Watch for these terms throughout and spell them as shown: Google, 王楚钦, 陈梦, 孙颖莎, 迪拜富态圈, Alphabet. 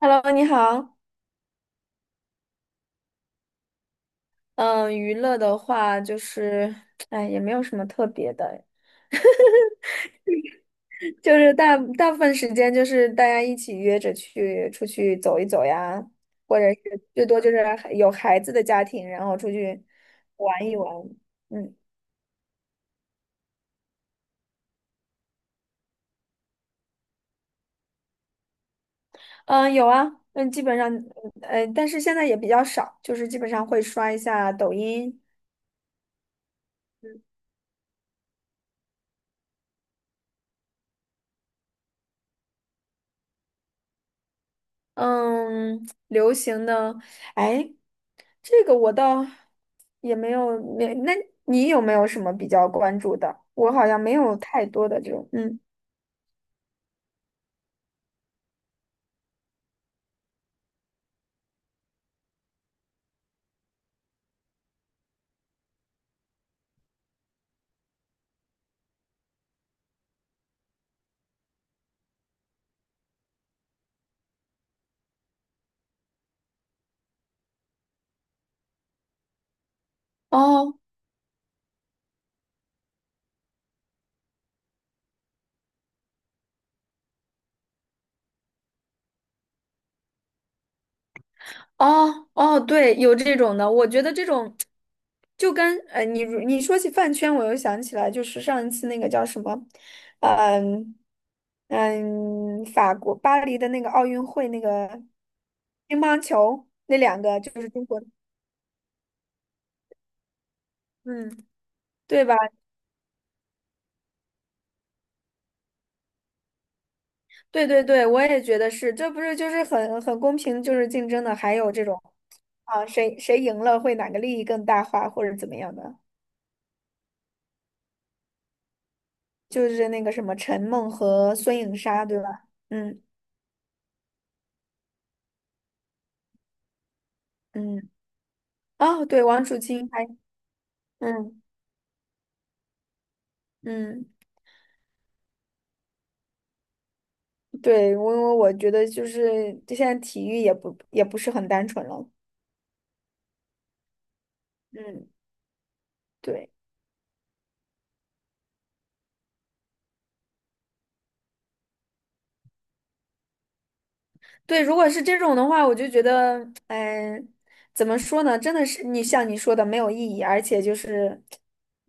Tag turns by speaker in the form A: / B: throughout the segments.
A: Hello，你好。嗯，娱乐的话就是，哎，也没有什么特别的，就是大部分时间就是大家一起约着去出去走一走呀，或者是最多就是有孩子的家庭，然后出去玩一玩。嗯嗯，有啊，嗯，基本上，哎但是现在也比较少，就是基本上会刷一下抖音。嗯，流行的，哎，这个我倒也没有，没，那你有没有什么比较关注的？我好像没有太多的这种，嗯。哦，哦，哦，对，有这种的，我觉得这种就跟你你说起饭圈，我又想起来，就是上一次那个叫什么。嗯嗯，法国巴黎的那个奥运会那个乒乓球，那两个就是中国的。嗯，对吧？对对对，我也觉得是，这不是就是很公平，就是竞争的，还有这种啊，谁赢了会哪个利益更大化或者怎么样的，就是那个什么陈梦和孙颖莎，对吧？嗯嗯，哦，对，王楚钦还。嗯嗯，对，我觉得就是现在体育也不是很单纯了。嗯。对。对，如果是这种的话，我就觉得，哎，怎么说呢？真的是你像你说的没有意义，而且就是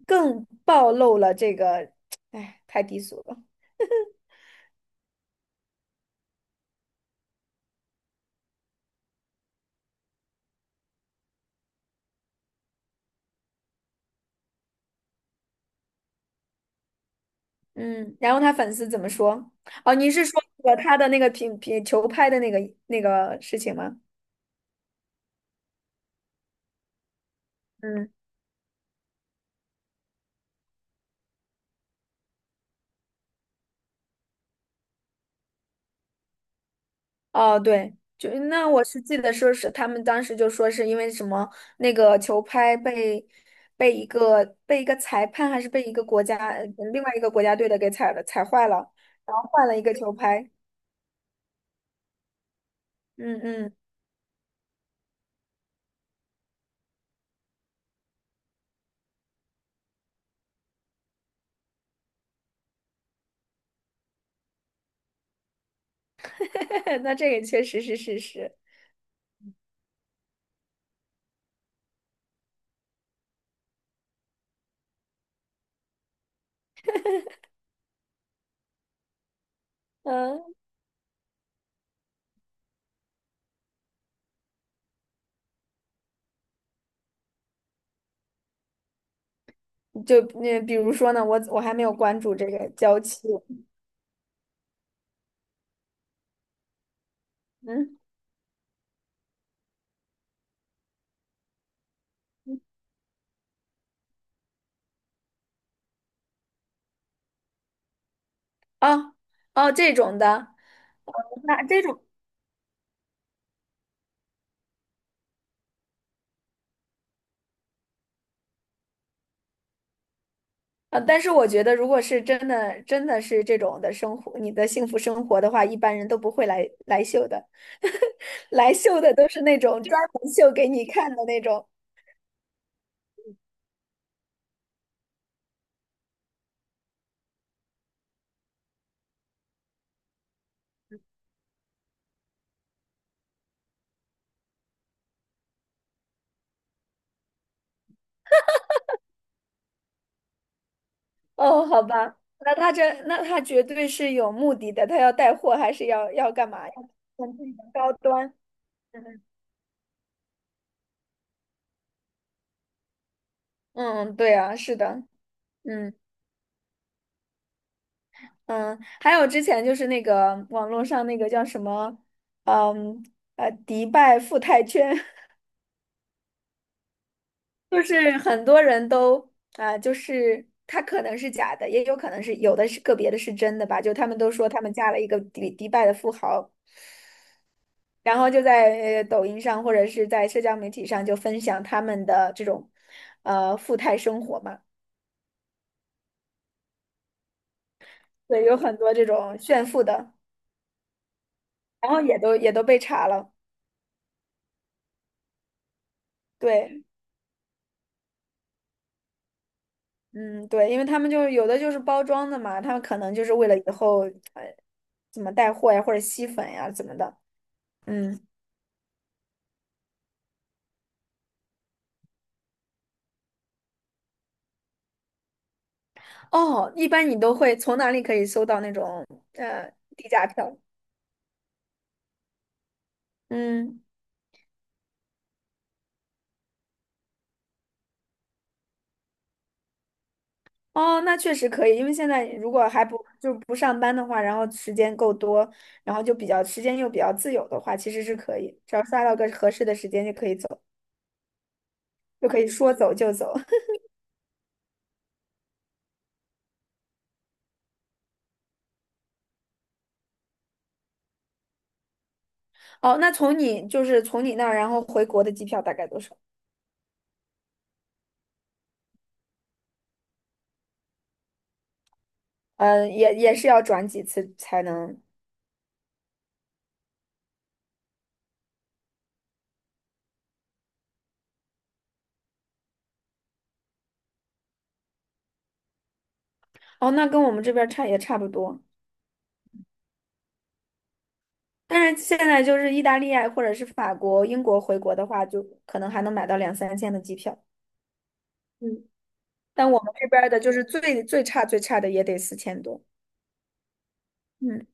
A: 更暴露了这个，哎，太低俗了。嗯，然后他粉丝怎么说？哦，你是说那个他的那个球拍的那个那个事情吗？嗯。哦，对，就那我是记得说是他们当时就说是因为什么那个球拍被一个裁判还是被一个国家另外一个国家队的给踩坏了，然后换了一个球拍。嗯嗯，那这个确实是事实。嗯，就嗯，比如说呢，我还没有关注这个娇妻。嗯，哦哦，这种的，那这种。啊，但是我觉得，如果是真的，真的是这种的生活，你的幸福生活的话，一般人都不会来秀的，来秀的都是那种专门秀给你看的那种。哦，好吧，那他这，那他绝对是有目的的，他要带货还是要要干嘛？要让自己的高端。嗯嗯，嗯对啊，是的。嗯嗯，还有之前就是那个网络上那个叫什么。嗯迪拜富态圈。就是很多人都啊、就是他可能是假的，也有可能是有的是个别的是真的吧。就他们都说他们嫁了一个迪拜的富豪，然后就在抖音上或者是在社交媒体上就分享他们的这种富态生活嘛。对，有很多这种炫富的，然后也都被查了。对，嗯，对，因为他们就有的就是包装的嘛，他们可能就是为了以后呃怎么带货呀或者吸粉呀怎么的。嗯。哦，一般你都会从哪里可以搜到那种呃低价票？嗯，哦，那确实可以，因为现在如果还不就不上班的话，然后时间够多，然后就比较时间又比较自由的话，其实是可以，只要刷到个合适的时间就可以走，就可以说走就走。哦，那从你就是从你那儿然后回国的机票大概多少？嗯，也是要转几次才能。哦，那跟我们这边儿差也差不多。但是现在就是意大利啊，或者是法国、英国回国的话，就可能还能买到两三千的机票。嗯，但我们这边儿的就是最差的也得四千多。嗯，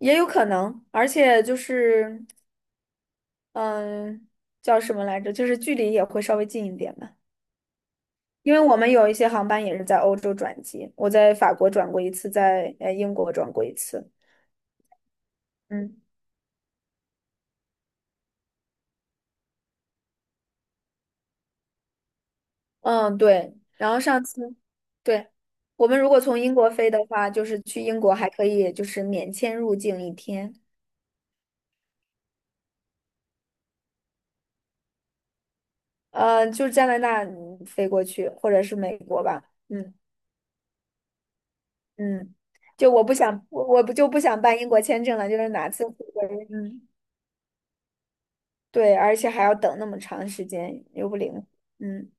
A: 也有可能，而且就是嗯，叫什么来着？就是距离也会稍微近一点嘛。因为我们有一些航班也是在欧洲转机，我在法国转过一次，在英国转过一次。嗯。嗯，对。然后上次，对，我们如果从英国飞的话，就是去英国还可以就是免签入境一天。就是加拿大嗯飞过去，或者是美国吧。嗯嗯，就我不想，我不就不想办英国签证了，就是哪次回国。嗯，对，而且还要等那么长时间，又不灵活。嗯。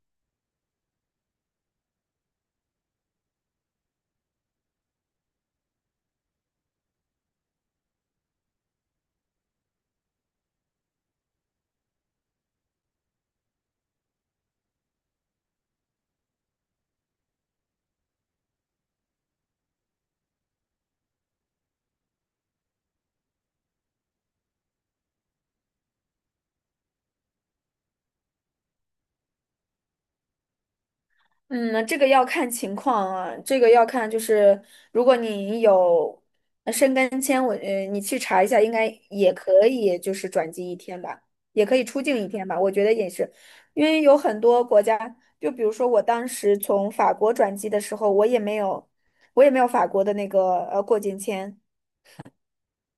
A: 嗯，这个要看情况啊，这个要看就是，如果你有申根签，我你去查一下，应该也可以，就是转机一天吧，也可以出境一天吧，我觉得也是，因为有很多国家，就比如说我当时从法国转机的时候，我也没有，我也没有法国的那个过境签。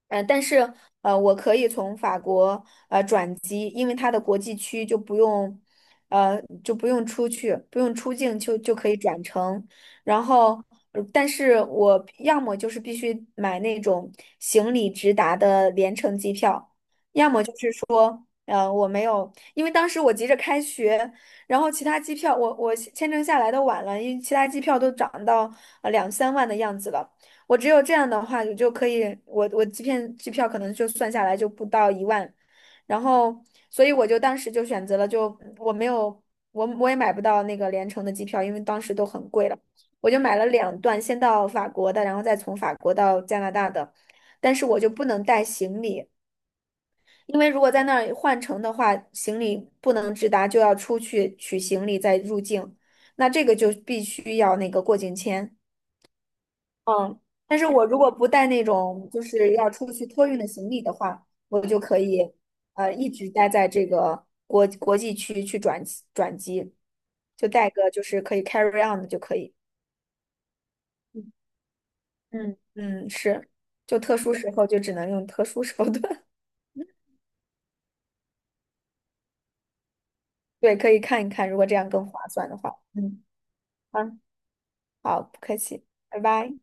A: 但是我可以从法国转机，因为它的国际区就不用，就不用出去，不用出境就可以转乘。然后，但是我要么就是必须买那种行李直达的联程机票，要么就是说，我没有，因为当时我急着开学，然后其他机票我签证下来的晚了，因为其他机票都涨到两三万的样子了。我只有这样的话，你就可以，我机票可能就算下来就不到一万，然后，所以我就当时就选择了就，我没有，我也买不到那个联程的机票，因为当时都很贵了，我就买了两段，先到法国的，然后再从法国到加拿大的，但是我就不能带行李，因为如果在那儿换乘的话，行李不能直达，就要出去取行李再入境，那这个就必须要那个过境签。嗯，但是我如果不带那种就是要出去托运的行李的话，我就可以一直待在这个国际区去转机。就带个就是可以 carry on 的就可以。嗯嗯，是，就特殊时候就只能用特殊手段。对，可以看一看，如果这样更划算的话。嗯，好，好，不客气，拜拜。